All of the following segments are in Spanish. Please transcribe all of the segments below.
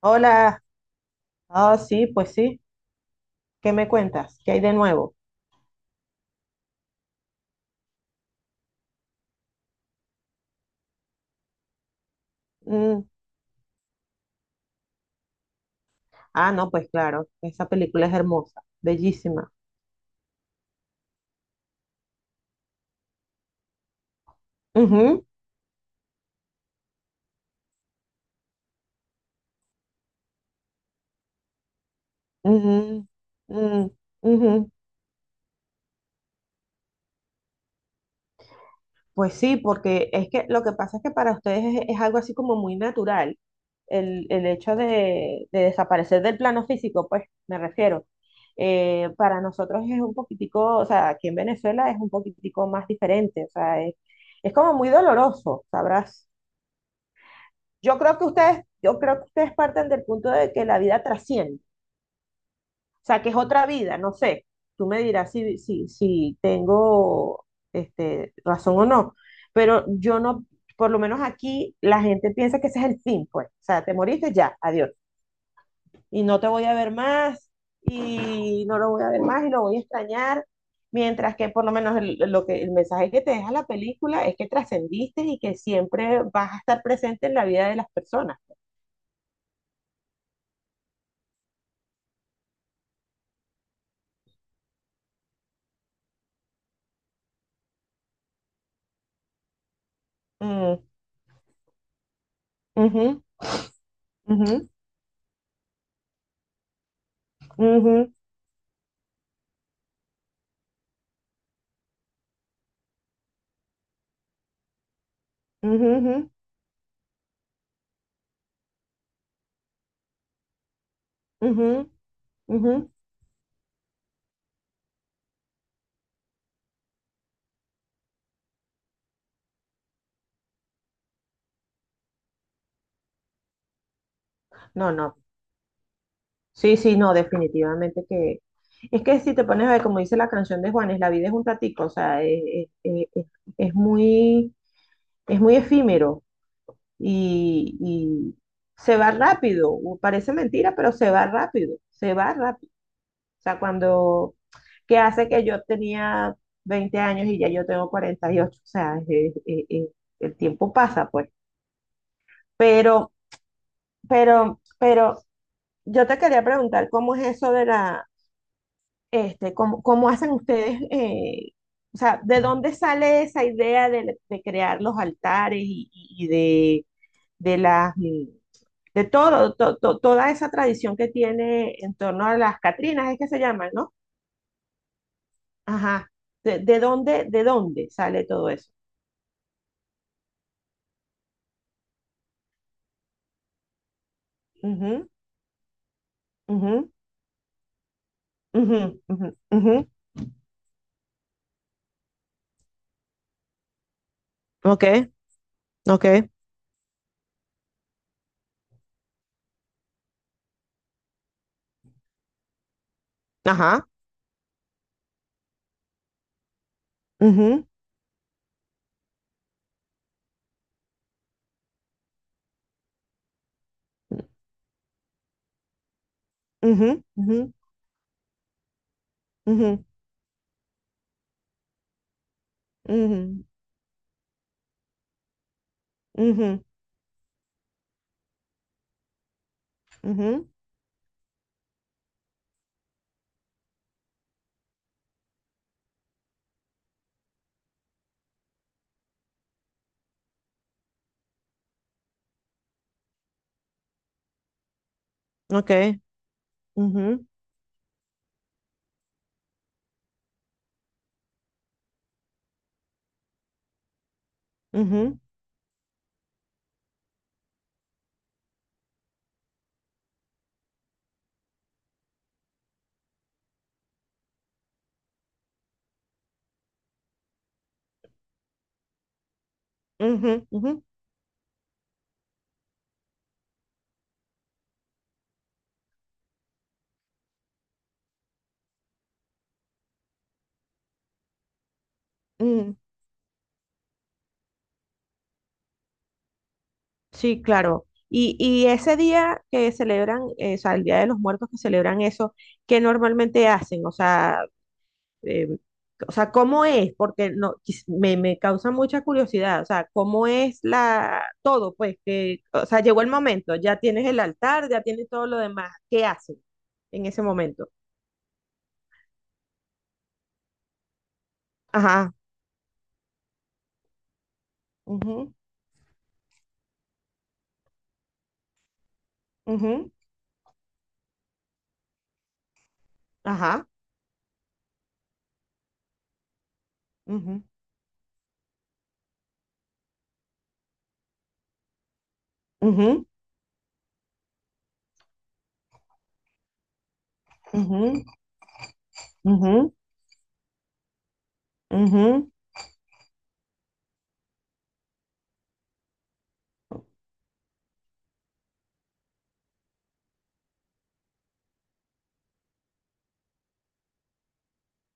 Hola, sí, pues sí, ¿qué me cuentas? ¿Qué hay de nuevo? Mm. Ah, no, pues claro, esa película es hermosa, bellísima. Ujú, ujú, mm, ujú. Pues sí, porque es que lo que pasa es que para ustedes es algo así como muy natural el hecho de desaparecer del plano físico, pues me refiero. Para nosotros es un poquitico, o sea, aquí en Venezuela es un poquitico más diferente, o sea, es como muy doloroso, sabrás. Yo creo que ustedes, yo creo que ustedes parten del punto de que la vida trasciende, o sea, que es otra vida, no sé. Tú me dirás si tengo razón o no, pero yo no, por lo menos aquí la gente piensa que ese es el fin, pues, o sea, te moriste ya, adiós, y no te voy a ver más, y no lo voy a ver más, y lo voy a extrañar, mientras que por lo menos el, lo que, el mensaje que te deja la película es que trascendiste y que siempre vas a estar presente en la vida de las personas. Mm, ujú. Ujú, ujú, ujú, ujú, ujú, ujú. No, no. Sí, sí, no, definitivamente que... Es que si te pones a ver, como dice la canción de Juanes, la vida es un ratico, o sea, es, muy, es muy efímero y se va rápido. Parece mentira, pero se va rápido, se va rápido. O sea, cuando... que hace que yo tenía 20 años y ya yo tengo 48, o sea, el tiempo pasa, pues. Pero, pero yo te quería preguntar cómo es eso de la, cómo, cómo hacen ustedes, o sea, ¿de dónde sale esa idea de crear los altares y de las, de todo, toda esa tradición que tiene en torno a las Catrinas, es que se llaman, ¿no? Ajá. De dónde sale todo eso? Ujú, ujú, ujú, ujú, ujú. Ok, ok, ajá. Ujú. Ujú, ujú, ujú, ujú, ujú, ujú, ok, ujú, ujú, ujú, ujú, ujú. Sí, claro. Y ese día que celebran, o sea, el Día de los Muertos que celebran eso, ¿qué normalmente hacen? Eh, o sea, ¿cómo es? Porque no, me, me causa mucha curiosidad. O sea, ¿cómo es la todo? Pues que, o sea, llegó el momento, ya tienes el altar, ya tienes todo lo demás. ¿Qué hacen en ese momento? Ajá. Ujú, ujú, ajá, ujú, ujú, ujú, ujú, ujú,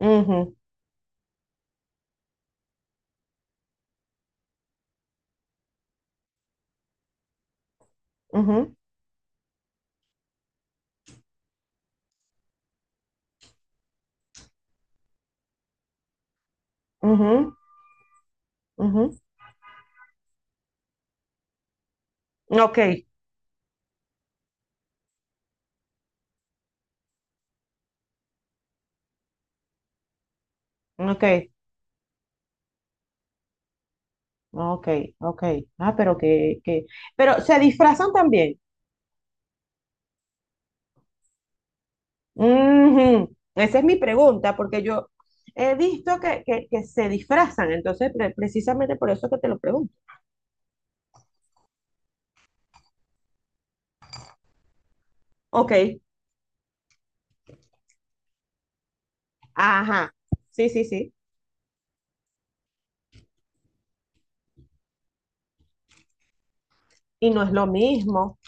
ujú, ujú, ujú, ujú. Ok, ok, ok, ok. Ah, pero que, pero se disfrazan también. Ujú. Esa es mi pregunta, porque yo he visto que se disfrazan, entonces precisamente por eso que te lo pregunto. Ok, ajá, sí, sí, sí. Y no es lo mismo,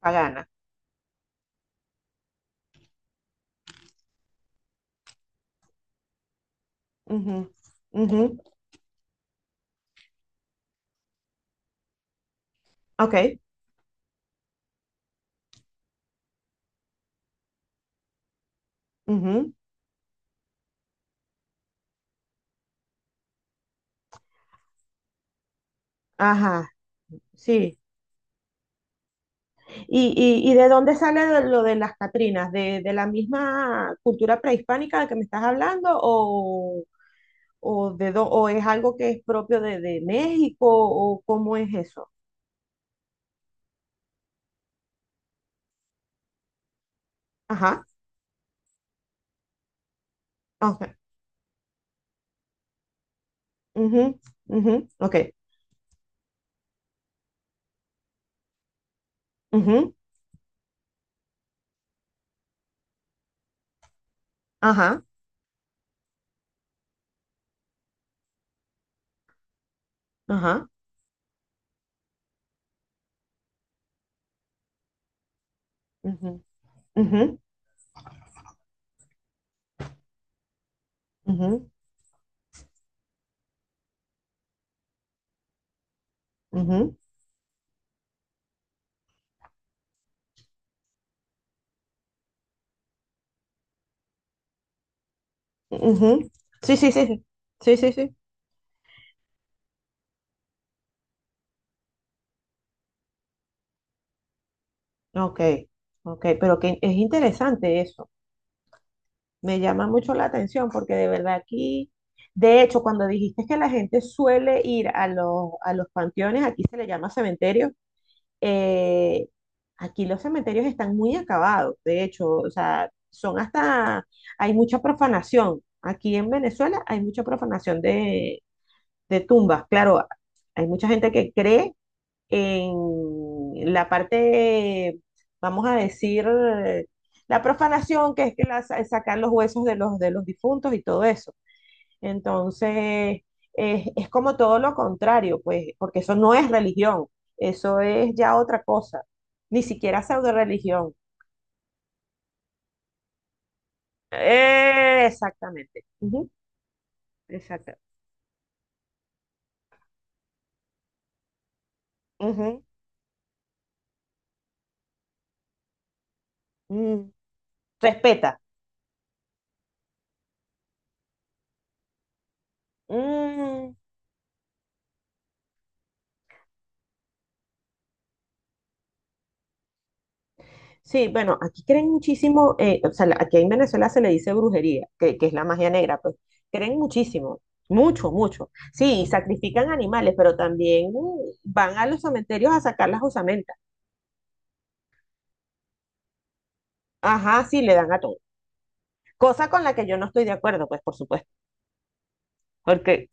pagana. Ujú, ujú, ok, ujú, ajá, sí. ¿Y, y de dónde sale lo de las Catrinas? De la misma cultura prehispánica de que me estás hablando? ¿O, o es algo que es propio de México? ¿O cómo es eso? Ajá, ah, ok. Ujú, ujú, ok. Ujú, ajá, ajá, ujú, ujú, ujú, ujú, ujú. Sí, sí, sí. Sí, sí, sí, sí, ok, ok. Pero que es interesante eso. Me llama mucho la atención porque de verdad aquí, de hecho, cuando dijiste que la gente suele ir a los panteones, aquí se le llama cementerio, eh, aquí los cementerios están muy acabados, de hecho, o sea, son hasta, hay mucha profanación. Aquí en Venezuela hay mucha profanación de tumbas, claro, hay mucha gente que cree en la parte, vamos a decir, la profanación, que es que la, sacar los huesos de los difuntos y todo eso. Entonces, es como todo lo contrario, pues, porque eso no es religión, eso es ya otra cosa, ni siquiera pseudo religión. Exactamente. Ujú, exacta- ujú, mm, respeta. Mm, sí, bueno, aquí creen muchísimo, o sea, aquí en Venezuela se le dice brujería, que es la magia negra, pues creen muchísimo, mucho, mucho. Sí, sacrifican animales, pero también van a los cementerios a sacar las osamentas. Ajá, sí, le dan a todo. Cosa con la que yo no estoy de acuerdo, pues por supuesto, porque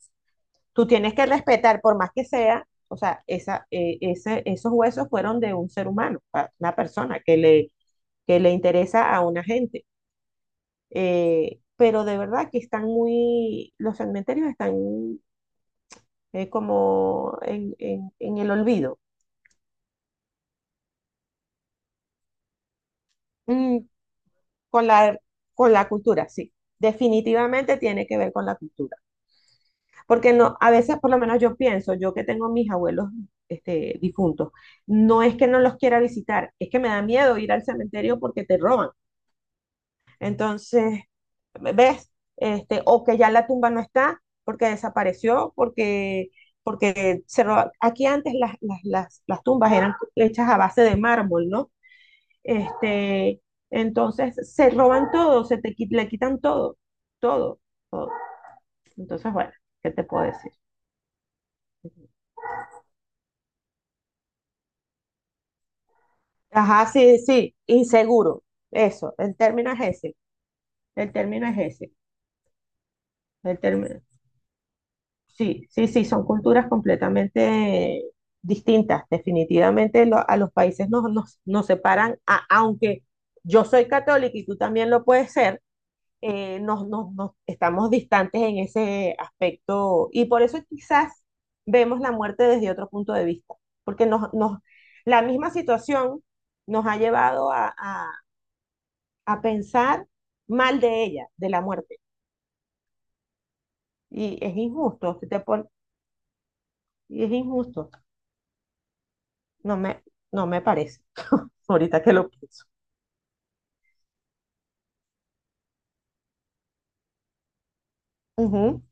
tú tienes que respetar, por más que sea, o sea, esa, ese, esos huesos fueron de un ser humano, a una persona que le interesa a una gente. Pero de verdad que están muy, los cementerios están como en, en el olvido. Mm, con la, con la cultura, sí. Definitivamente tiene que ver con la cultura. Porque no, a veces, por lo menos yo pienso, yo que tengo mis abuelos difuntos, no es que no los quiera visitar, es que me da miedo ir al cementerio porque te roban. Entonces, ¿ves? Este, o que ya la tumba no está porque desapareció, porque, porque aquí antes las, las tumbas eran hechas a base de mármol, ¿no? Este, entonces se roban todo, se te, le quitan todo, todo, todo. Entonces, bueno, ¿qué te puedo decir? Ajá, sí, sí, inseguro. Eso, el término es ese. El término es ese. El término. Sí, sí, sí, son culturas completamente distintas. Definitivamente a los países nos, nos, nos separan, aunque yo soy católica y tú también lo puedes ser, nos, nos, estamos distantes en ese aspecto y por eso quizás vemos la muerte desde otro punto de vista, porque nos, nos, la misma situación nos ha llevado a pensar mal de ella, de la muerte, y es injusto, si te pon- y es injusto. No me, no me parece. Ahorita que lo pienso. Ujú,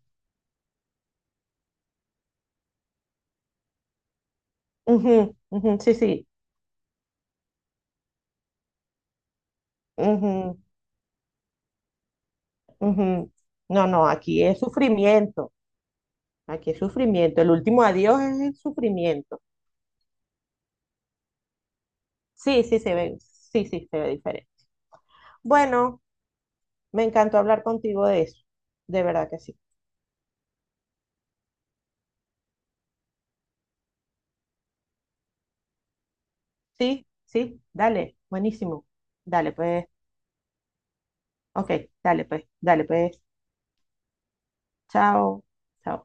ujú, ujú, sí, sí, ujú, ujú. No, no, aquí es sufrimiento. Aquí es sufrimiento. El último adiós es el sufrimiento. Sí, sí, se ve. Sí, sí, se ve diferente. Bueno, me encantó hablar contigo de eso. De verdad que sí. Sí, sí, dale. Buenísimo. Dale, pues. Ok, dale, pues. Dale, pues. Chao. Chao.